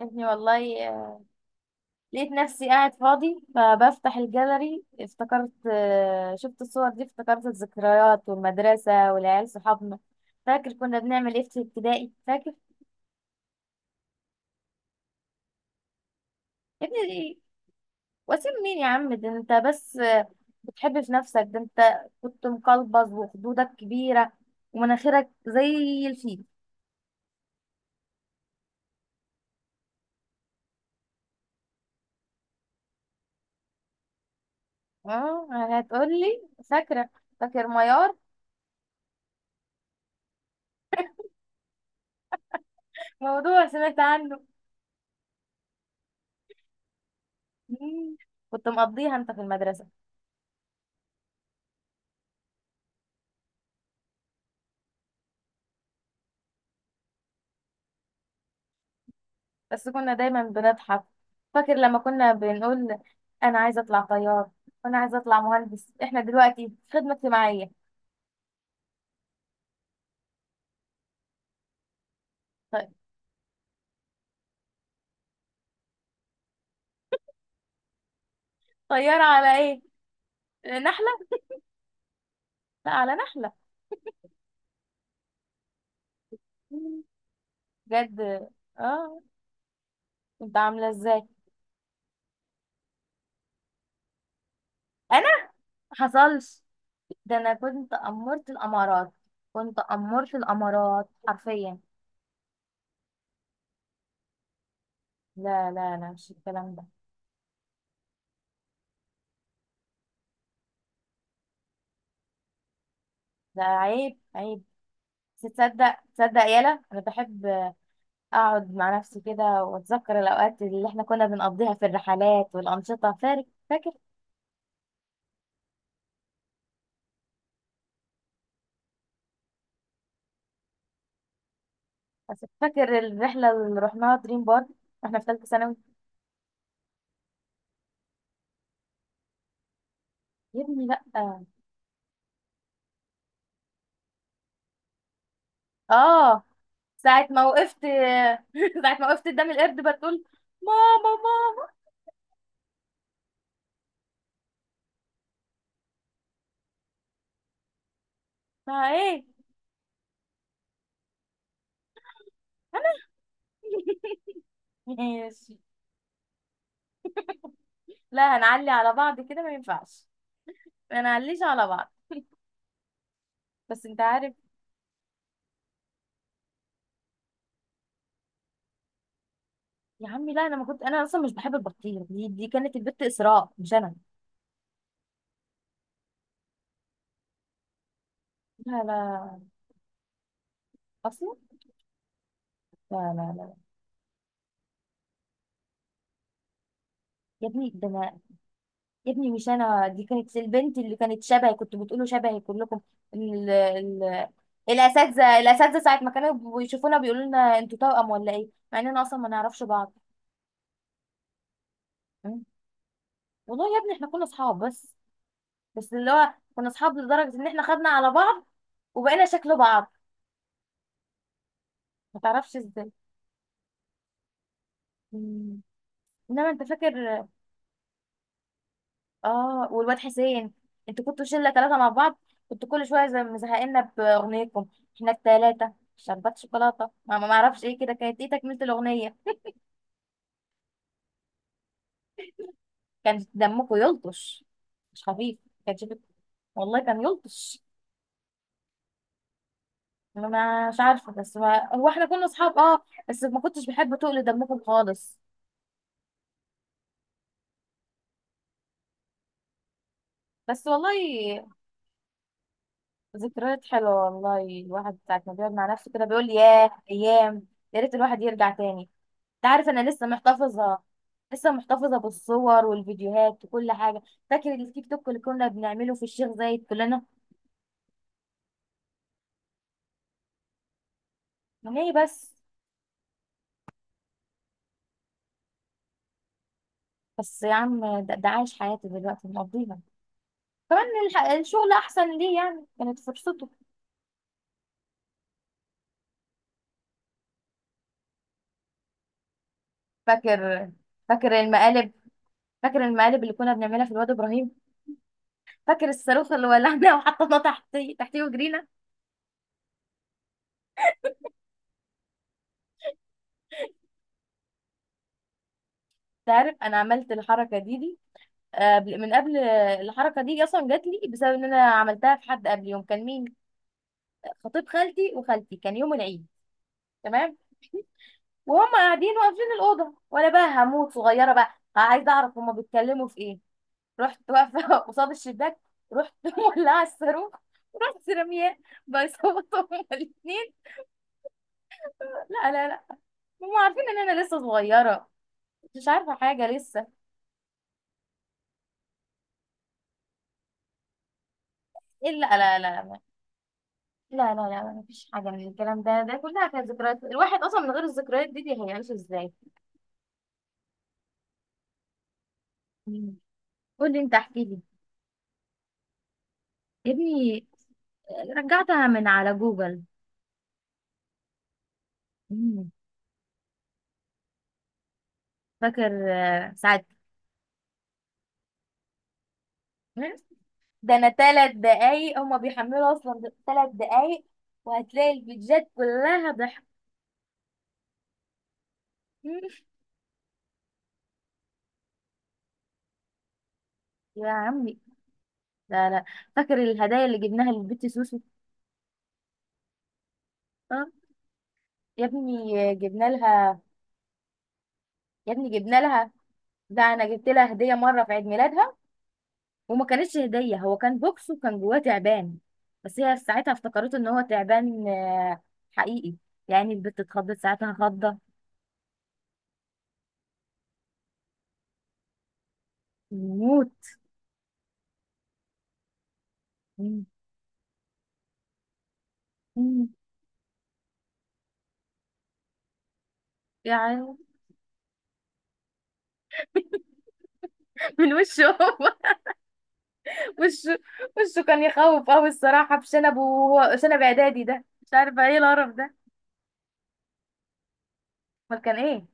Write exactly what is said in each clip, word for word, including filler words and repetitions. اني والله آه، لقيت نفسي قاعد فاضي فبفتح الجاليري افتكرت آه، شفت الصور دي افتكرت الذكريات والمدرسة والعيال صحابنا. فاكر كنا بنعمل ايه في ابتدائي؟ فاكر. يا ابني دي- وسيم مين يا عم؟ ده انت بس آه، بتحب في نفسك. ده انت كنت مقلبظ وخدودك كبيرة ومناخيرك زي الفيل. اه، هتقولي فاكرة؟ فاكر ميار؟ موضوع سمعت عنه. مم. كنت مقضيها انت في المدرسة. بس كنا دايما بنضحك. فاكر لما كنا بنقول: انا عايزه اطلع طيار وانا عايزه اطلع مهندس، احنا دلوقتي في خدمه اجتماعيه. طيب، طياره على ايه؟ نحله؟ لا، على نحله. بجد؟ اه، كنت عامله ازاي؟ انا حصلش؟ ده انا كنت امرت الامارات، كنت امرت الامارات حرفيا. لا لا لا، مش الكلام ده. ده عيب، عيب. بس تصدق، تصدق، يالا انا بحب اقعد مع نفسي كده واتذكر الاوقات اللي احنا كنا بنقضيها في الرحلات والانشطه. فارك فاكر؟ فاكر الرحله اللي رحناها دريم بارك واحنا في ثالثه ثانوي؟ يا ابني لا. اه، ساعه ما وقفت ساعه ما وقفت قدام القرد بتقول: ماما، ماما. ما ايه؟ انا؟ ماشي. لا، هنعلي على بعض كده؟ ما ينفعش، ما نعليش على بعض. بس انت عارف؟ يا عمي لا، انا ما كنت، انا اصلا مش بحب البطيخ، دي دي كانت البت اسراء مش انا. لا لا. اصلا. لا لا لا. يا ابني ده انا. يا ابني مش انا، دي كانت البنت اللي كانت شبهي، كنت بتقولوا شبهي كلكم. ال... ال... الاساتذه الاساتذه ساعه ما كانوا بيشوفونا بيقولوا لنا انتوا توأم ولا ايه، مع اننا اصلا ما نعرفش بعض. م? والله يا ابني احنا كنا اصحاب بس. بس اللي هو كنا اصحاب لدرجه ان احنا خدنا على بعض وبقينا شكل بعض. ما تعرفش ازاي. م. انما انت فاكر؟ اه، والواد حسين، انتوا كنتوا شله ثلاثه مع بعض، كنتوا كل شويه زي مزهقنا باغنيتكم: احنا الثلاثه شربات شوكولاته ما ما اعرفش ايه كده، كانت ايه تكمله الاغنيه؟ كان دمكم يلطش، مش خفيف. كان شفت؟ والله كان يلطش. انا ما- مش عارفه، بس ما... هو احنا كنا اصحاب اه، بس ما كنتش بحب تقل دمكم خالص. بس والله ذكريات حلوه، والله الواحد ساعه ما بيقعد مع نفسه كده بيقول: ياه، ايام. يا ريت الواحد يرجع تاني. انت عارف انا لسه محتفظه لسه محتفظه بالصور والفيديوهات وكل حاجه. فاكر التيك توك اللي كنا بنعمله في الشيخ زايد كلنا؟ ليه بس؟ بس يا عم، ده, ده عايش حياتي دلوقتي مقضيها. كمان الح- الشغل احسن ليه، يعني كانت فرصته. فاكر؟ فاكر المقالب فاكر المقالب اللي كنا بنعملها في الواد ابراهيم؟ فاكر الصاروخ اللي ولعنا وحطيناه تحتيه تحتيه وجرينا؟ انت عارف انا عملت الحركه دي دي آه، من قبل. الحركه دي اصلا جات لي بسبب ان انا عملتها في حد قبل، يوم كان مين؟ خطيب خالتي وخالتي، كان يوم العيد. تمام. وهم قاعدين واقفين الاوضه وانا بقى هموت صغيره بقى عايزه اعرف هم بيتكلموا في ايه. رحت واقفه قصاد الشباك. رحت مولعه الصاروخ. رحت رمياه. بيصوتوا هما الاثنين. لا لا لا، هم عارفين ان انا لسه صغيره، مش عارفه حاجه لسه. ايه؟ لا لا لا لا. لا لا لا، مفيش حاجه من الكلام ده، ده كلها كانت ذكريات، الواحد اصلا من غير الذكريات دي دي هيعيش ازاي؟ مم. قولي انت، احكي لي يا ابني. رجعتها من على جوجل. مم. فاكر آه، ساعة؟ مم. ده انا ثلاث دقايق هما بيحملوا اصلا، ثلاث دقايق وهتلاقي الفيديوهات كلها ضحك. مم. يا عمي. لا لا. فاكر الهدايا اللي جبناها للبت سوسو؟ اه، يا ابني آه، جبنا لها. يا ابني جبنا لها. ده انا جبت لها هديه مره في عيد ميلادها، وما كانتش هديه، هو كان بوكس وكان جواه تعبان. بس هي ساعتها افتكرته ان هو تعبان آه، حقيقي، يعني البت اتخضت ساعتها خضه موت. مم. مم. يعني من وشه هو. وشه. وشه كان يخوف قوي الصراحة بشنبه، وهو شنب اعدادي ده، مش عارفة ايه القرف ده. امال كان ايه؟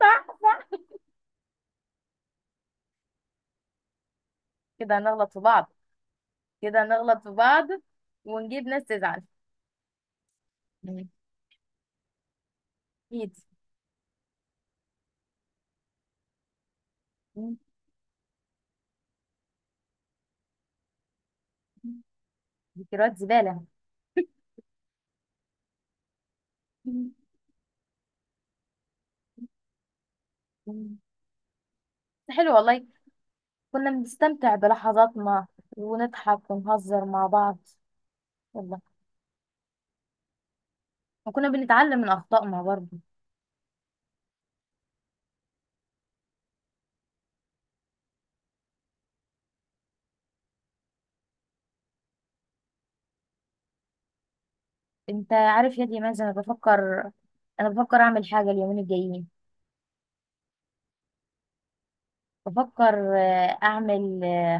صح، صح. كده هنغلط في بعض، كده هنغلط في بعض ونجيب ناس تزعل. مم. اكيد. مم. ذكريات زبالة. بس حلو والله، كنا بنستمتع بلحظاتنا ونضحك ونهزر مع بعض والله. وكنا بنتعلم من أخطائنا برضه. انت عارف يا دي مازن، انا بفكر انا بفكر اعمل حاجة اليومين الجايين. بفكر آه، اعمل آه،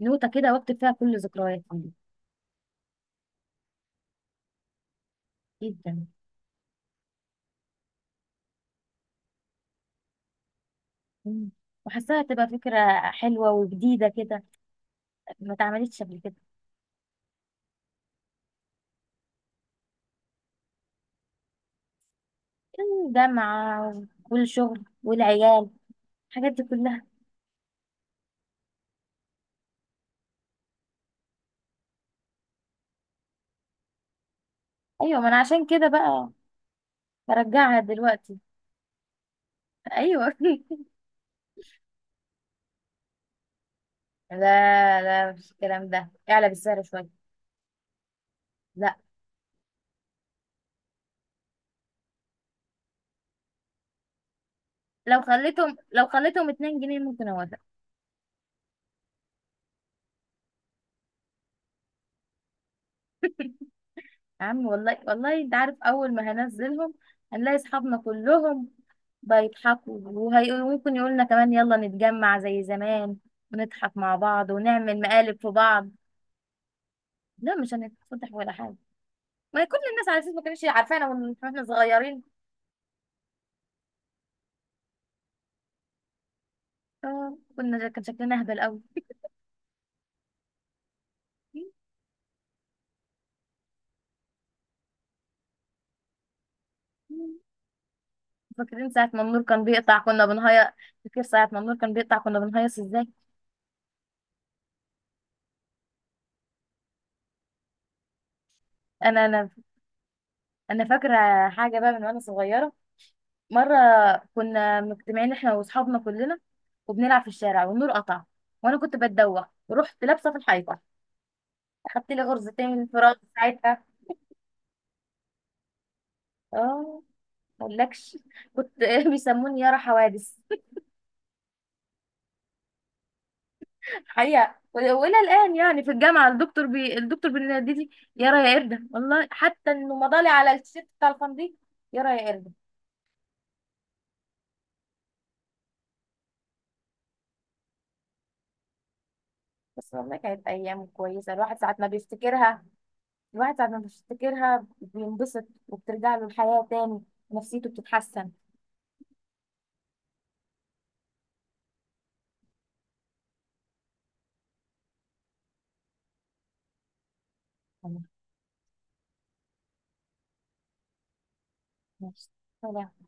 نوتة كده واكتب فيها كل ذكرياتي. جدا. مم. وحاساها تبقى فكرة حلوة وجديدة كده، ما اتعملتش قبل كده. الجامعة والشغل والعيال، الحاجات دي كلها. ايوه، ما انا عشان كده بقى برجعها دلوقتي. ايوه. لا لا، مش الكلام ده، اعلى بالسعر شوية. لا. لو خليتهم لو خليتهم اتنين جنيه ممكن اوافق. يا عم والله، والله انت عارف اول ما هنزلهم هنلاقي اصحابنا كلهم بيضحكوا، وهي- وممكن يقولنا كمان يلا نتجمع زي زمان، ونضحك مع بعض ونعمل مقالب في بعض. لا، مش هنتفضح ولا حاجه، ما كل الناس على اساس ما كانتش عارفانا ون- واحنا صغيرين. آه، كنا كان شكلنا اهبل قوي. فاكرين ساعه ما النور كان بيقطع كنا بنهيص؟ فاكر ساعه ما النور كان بيقطع كنا بنهيص ازاي؟ انا انا انا فاكره حاجه بقى من وانا صغيره. مرة كنا مجتمعين احنا واصحابنا كلنا وبنلعب في الشارع، والنور قطع وانا كنت بتدوخ ورحت لابسة في الحيطة، اخدت لي غرزتين من الفراغ ساعتها. اه. مقولكش، كنت بيسموني يارا حوادث. حقيقة وإلى الآن يعني في الجامعة، الدكتور بي... الدكتور بينادي لي يارا يا قردة، والله حتى إنه مضالي على التيشيرت بتاع الفندق. يارا يا قردة. بس والله كانت أيام كويسة، الواحد ساعات ما بيفتكرها، الواحد ساعة ما بيفتكرها بينبسط وبترجع له الحياة تاني، نفسيته بتتحسن. يا